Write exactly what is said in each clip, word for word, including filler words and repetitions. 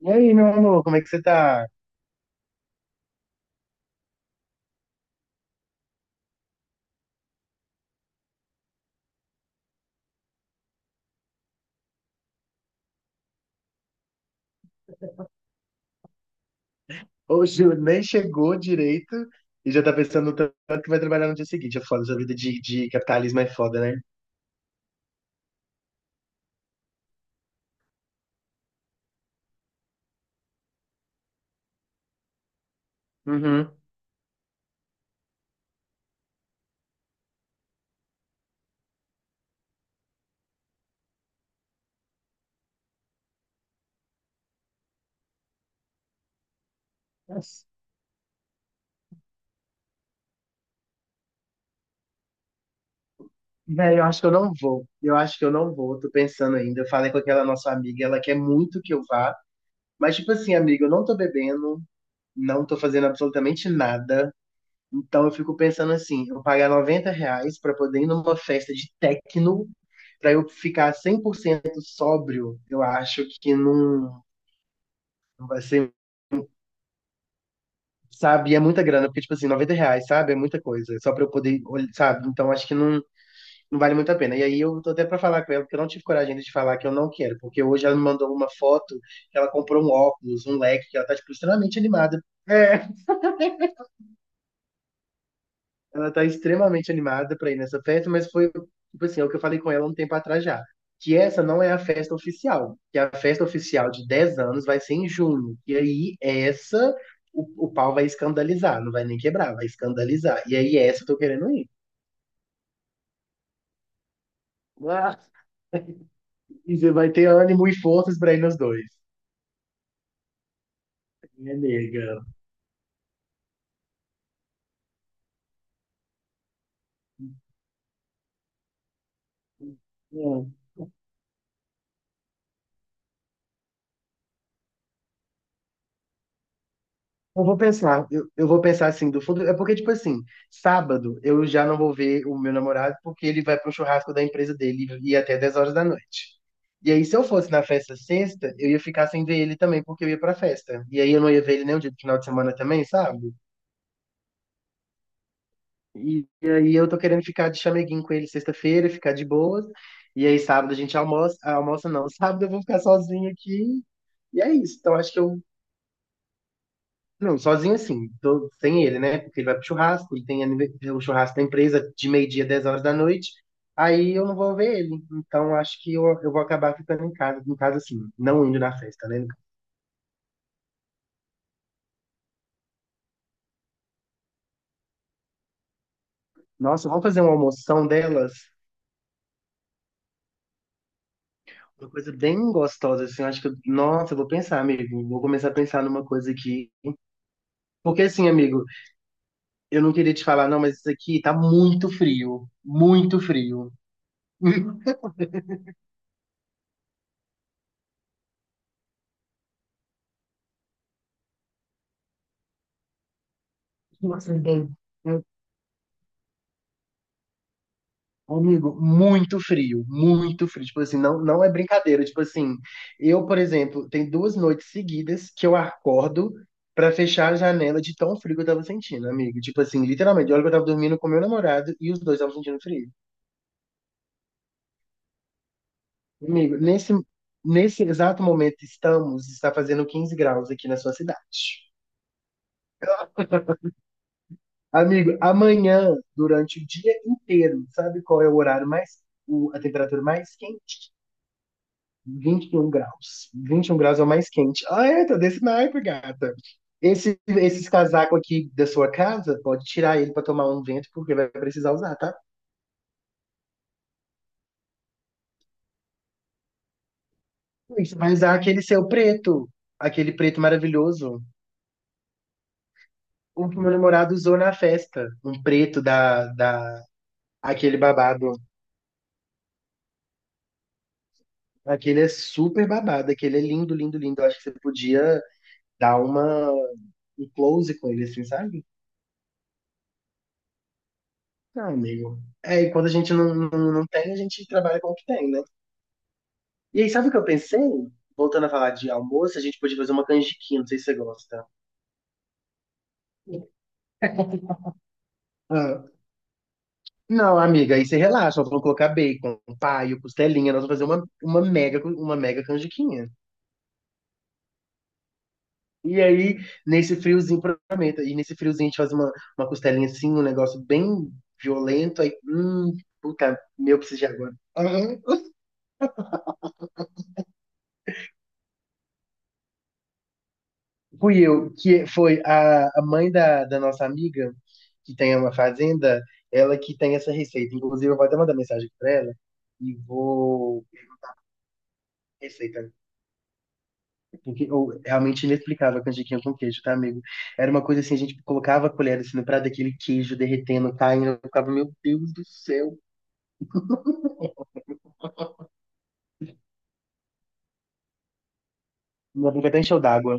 E aí, meu amor, como é que você tá? Hoje eu nem chegou direito e já tá pensando no tanto que vai trabalhar no dia seguinte. É foda, essa vida de, de capitalismo é foda, né? Uhum. Nossa, velho, eu acho que eu não vou. Eu acho que eu não vou. Tô pensando ainda. Eu falei com aquela nossa amiga, ela quer muito que eu vá. Mas, tipo assim, amiga, eu não tô bebendo, não tô fazendo absolutamente nada. Então eu fico pensando assim, eu pagar noventa reais pra poder ir numa festa de techno, pra eu ficar cem por cento sóbrio, eu acho que não. Então vai ser, sabe, e é muita grana, porque, tipo assim, noventa reais, sabe? É muita coisa. Só pra eu poder, olh- sabe? Então acho que não, não vale muito a pena. E aí eu tô até pra falar com ela, porque eu não tive coragem ainda de falar que eu não quero, porque hoje ela me mandou uma foto que ela comprou um óculos, um leque, que ela tá, tipo, extremamente animada. É. Ela tá extremamente animada pra ir nessa festa, mas foi, tipo assim, é o que eu falei com ela um tempo atrás já. Que essa não é a festa oficial. Que a festa oficial de dez anos vai ser em junho. E aí, essa, o, o pau vai escandalizar. Não vai nem quebrar, vai escandalizar. E aí, essa eu tô querendo ir. Ah, e você vai ter ânimo e forças pra ir nos dois. Minha nega. Eu vou pensar, eu, eu vou pensar assim, do fundo. É porque, tipo assim, sábado eu já não vou ver o meu namorado porque ele vai pro churrasco da empresa dele e até dez horas da noite. E aí, se eu fosse na festa sexta, eu ia ficar sem ver ele também porque eu ia pra festa. E aí eu não ia ver ele nem o dia do final de semana também, sabe? E, e aí eu tô querendo ficar de chameguinho com ele sexta-feira, ficar de boas. E aí sábado a gente almoça, almoça não, sábado eu vou ficar sozinho aqui. E é isso. Então acho que eu. Não, sozinho assim, tô sem ele, né? Porque ele vai pro churrasco, ele tem anive- é, o churrasco da empresa de meio-dia, dez horas da noite. Aí eu não vou ver ele. Então acho que eu, eu vou acabar ficando em casa, em casa assim, não indo na festa, né? Nossa, vamos fazer uma almoção delas, uma coisa bem gostosa, assim. Eu Acho que, eu- nossa, eu vou pensar, amigo. Vou começar a pensar numa coisa aqui. Porque assim, amigo, eu não queria te falar, não, mas isso aqui tá muito frio, muito frio. Nossa, bem. Amigo, muito frio, muito frio. Tipo assim, não, não é brincadeira. Tipo assim, eu, por exemplo, tem duas noites seguidas que eu acordo pra fechar a janela de tão frio que eu tava sentindo, amigo. Tipo assim, literalmente, olha que eu tava dormindo com meu namorado e os dois estavam sentindo frio. Amigo, nesse, nesse exato momento estamos, está fazendo quinze graus aqui na sua cidade. Amigo, amanhã, durante o dia inteiro, sabe qual é o horário mais, o- a temperatura mais quente? Vinte e um graus. Vinte e um graus é o mais quente. Ah, é, tá desse naipe, gata. Esse, esses casacos aqui da sua casa, pode tirar ele pra tomar um vento, porque vai precisar usar, tá? E você vai usar aquele seu preto, aquele preto maravilhoso. O que meu namorado usou na festa. Um preto da, da, aquele babado. Aquele é super babado, aquele é lindo, lindo, lindo. Eu acho que você podia dar uma, um close com ele, assim, sabe? Não, amigo. É, e quando a gente não, não, não tem, a gente trabalha com o que tem, né? E aí, sabe o que eu pensei? Voltando a falar de almoço, a gente podia fazer uma canjiquinha, não sei se você gosta. Ah, não, amiga, aí você relaxa, nós vamos colocar bacon, paio, costelinha, nós vamos fazer uma, uma mega, uma mega canjiquinha. E aí, nesse friozinho, provavelmente, e nesse friozinho a gente faz uma, uma costelinha assim, um negócio bem violento, aí, hum, puta, meu, preciso de agora. Fui eu, que foi a, a mãe da, da nossa amiga, que tem uma fazenda, ela que tem essa receita. Inclusive, eu vou até mandar mensagem para ela e vou. Receita, porque ou, realmente inexplicável a canjiquinha com queijo, tá, amigo? Era uma coisa assim, a gente colocava a colher assim no prato, aquele queijo derretendo, caindo, eu ficava, meu Deus do céu, minha boca até encheu d'água.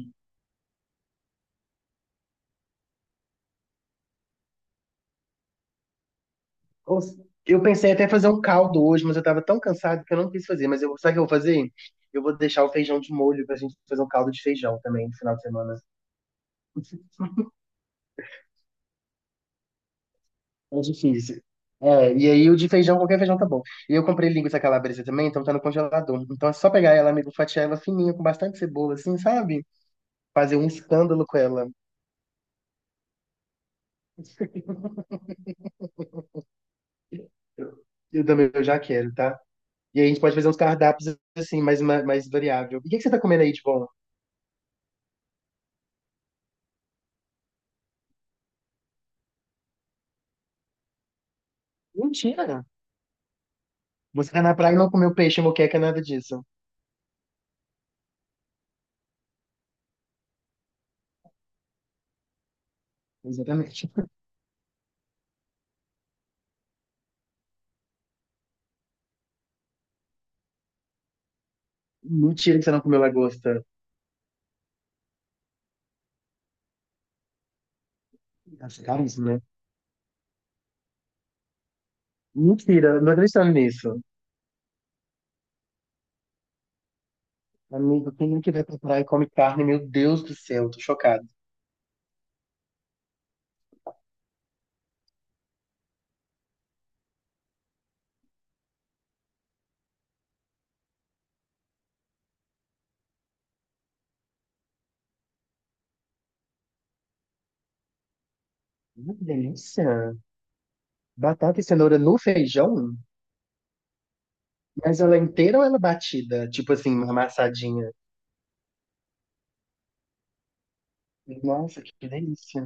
Ou eu pensei até fazer um caldo hoje, mas eu tava tão cansado que eu não quis fazer. Mas eu, sabe o que eu vou fazer? Eu vou deixar o feijão de molho pra gente fazer um caldo de feijão também no final de semana. É difícil. É, e aí o de feijão, qualquer feijão tá bom. E eu comprei linguiça calabresa também, então tá no congelador. Então é só pegar ela, amigo, fatiar ela fininha, com bastante cebola, assim, sabe? Fazer um escândalo com ela. Eu, eu também eu já quero, tá? E aí a gente pode fazer uns cardápios assim, mais, ma- mais variável. E o que que você tá comendo aí de bom? Mentira! Você tá na praia e não comeu peixe, moqueca, nada disso. Exatamente. Mentira que você não comeu lagosta. As carnes, né? Mentira, não tô acreditando nisso. Amigo, quem que vai pra praia e come carne? Meu Deus do céu, tô chocado. Hum, Que delícia. Batata e cenoura no feijão? Mas ela é inteira ou ela é batida? Tipo assim, amassadinha. Nossa, que delícia.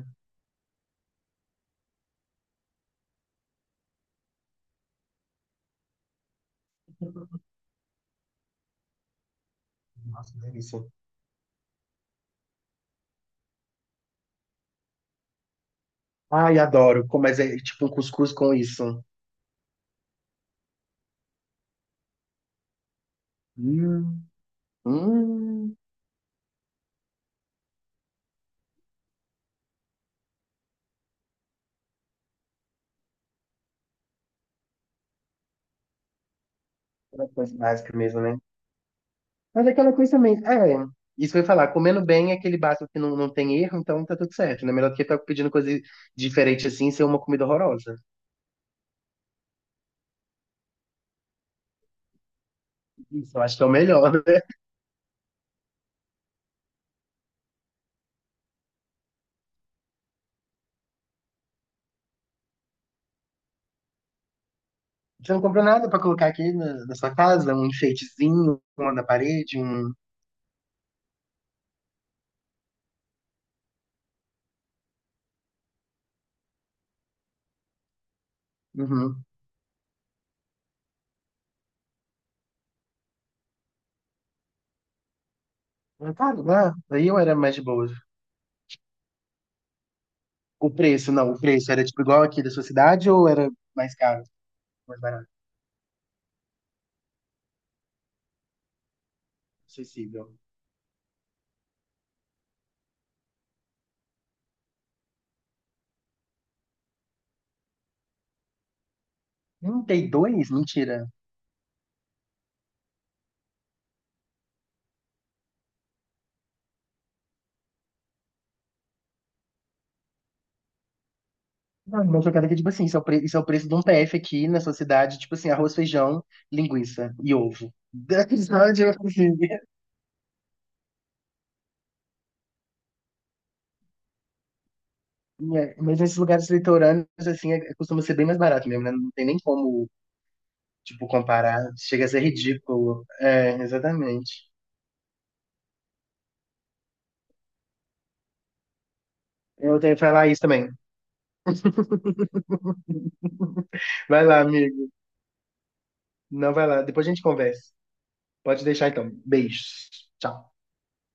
Nossa, que delícia. Ai, adoro. Com- Mas é tipo um cuscuz com isso. Hum, hum. Uma coisa básica mesmo, né? Mas é aquela coisa também. É, isso que eu ia falar, comendo bem é aquele básico que não, não tem erro, então tá tudo certo, né? Melhor do que ficar pedindo coisa diferente assim e ser uma comida horrorosa. Isso, eu acho que é o melhor, né? Você não comprou nada pra colocar aqui na, na sua casa? Um enfeitezinho, uma na parede, um. Uhum. Ah, claro, lá. Aí eu era mais de boa. O preço, não, o preço era tipo igual aqui da sua cidade ou era mais caro, mais barato, acessível? Trinta e dois. Mentira. Não, uma jogada que, tipo assim, isso é o, pre- isso é o preço de um P F aqui na sua cidade, tipo assim, arroz, feijão, linguiça e ovo. Sabe, tipo assim, é, Mas nesses lugares litorâneos, assim, é- costuma ser bem mais barato mesmo, né? Não tem nem como, tipo, comparar. Chega a ser ridículo. É, exatamente. Eu tenho que falar isso também. Vai lá, amigo. Não, vai lá. Depois a gente conversa. Pode deixar, então. Beijos. Tchau.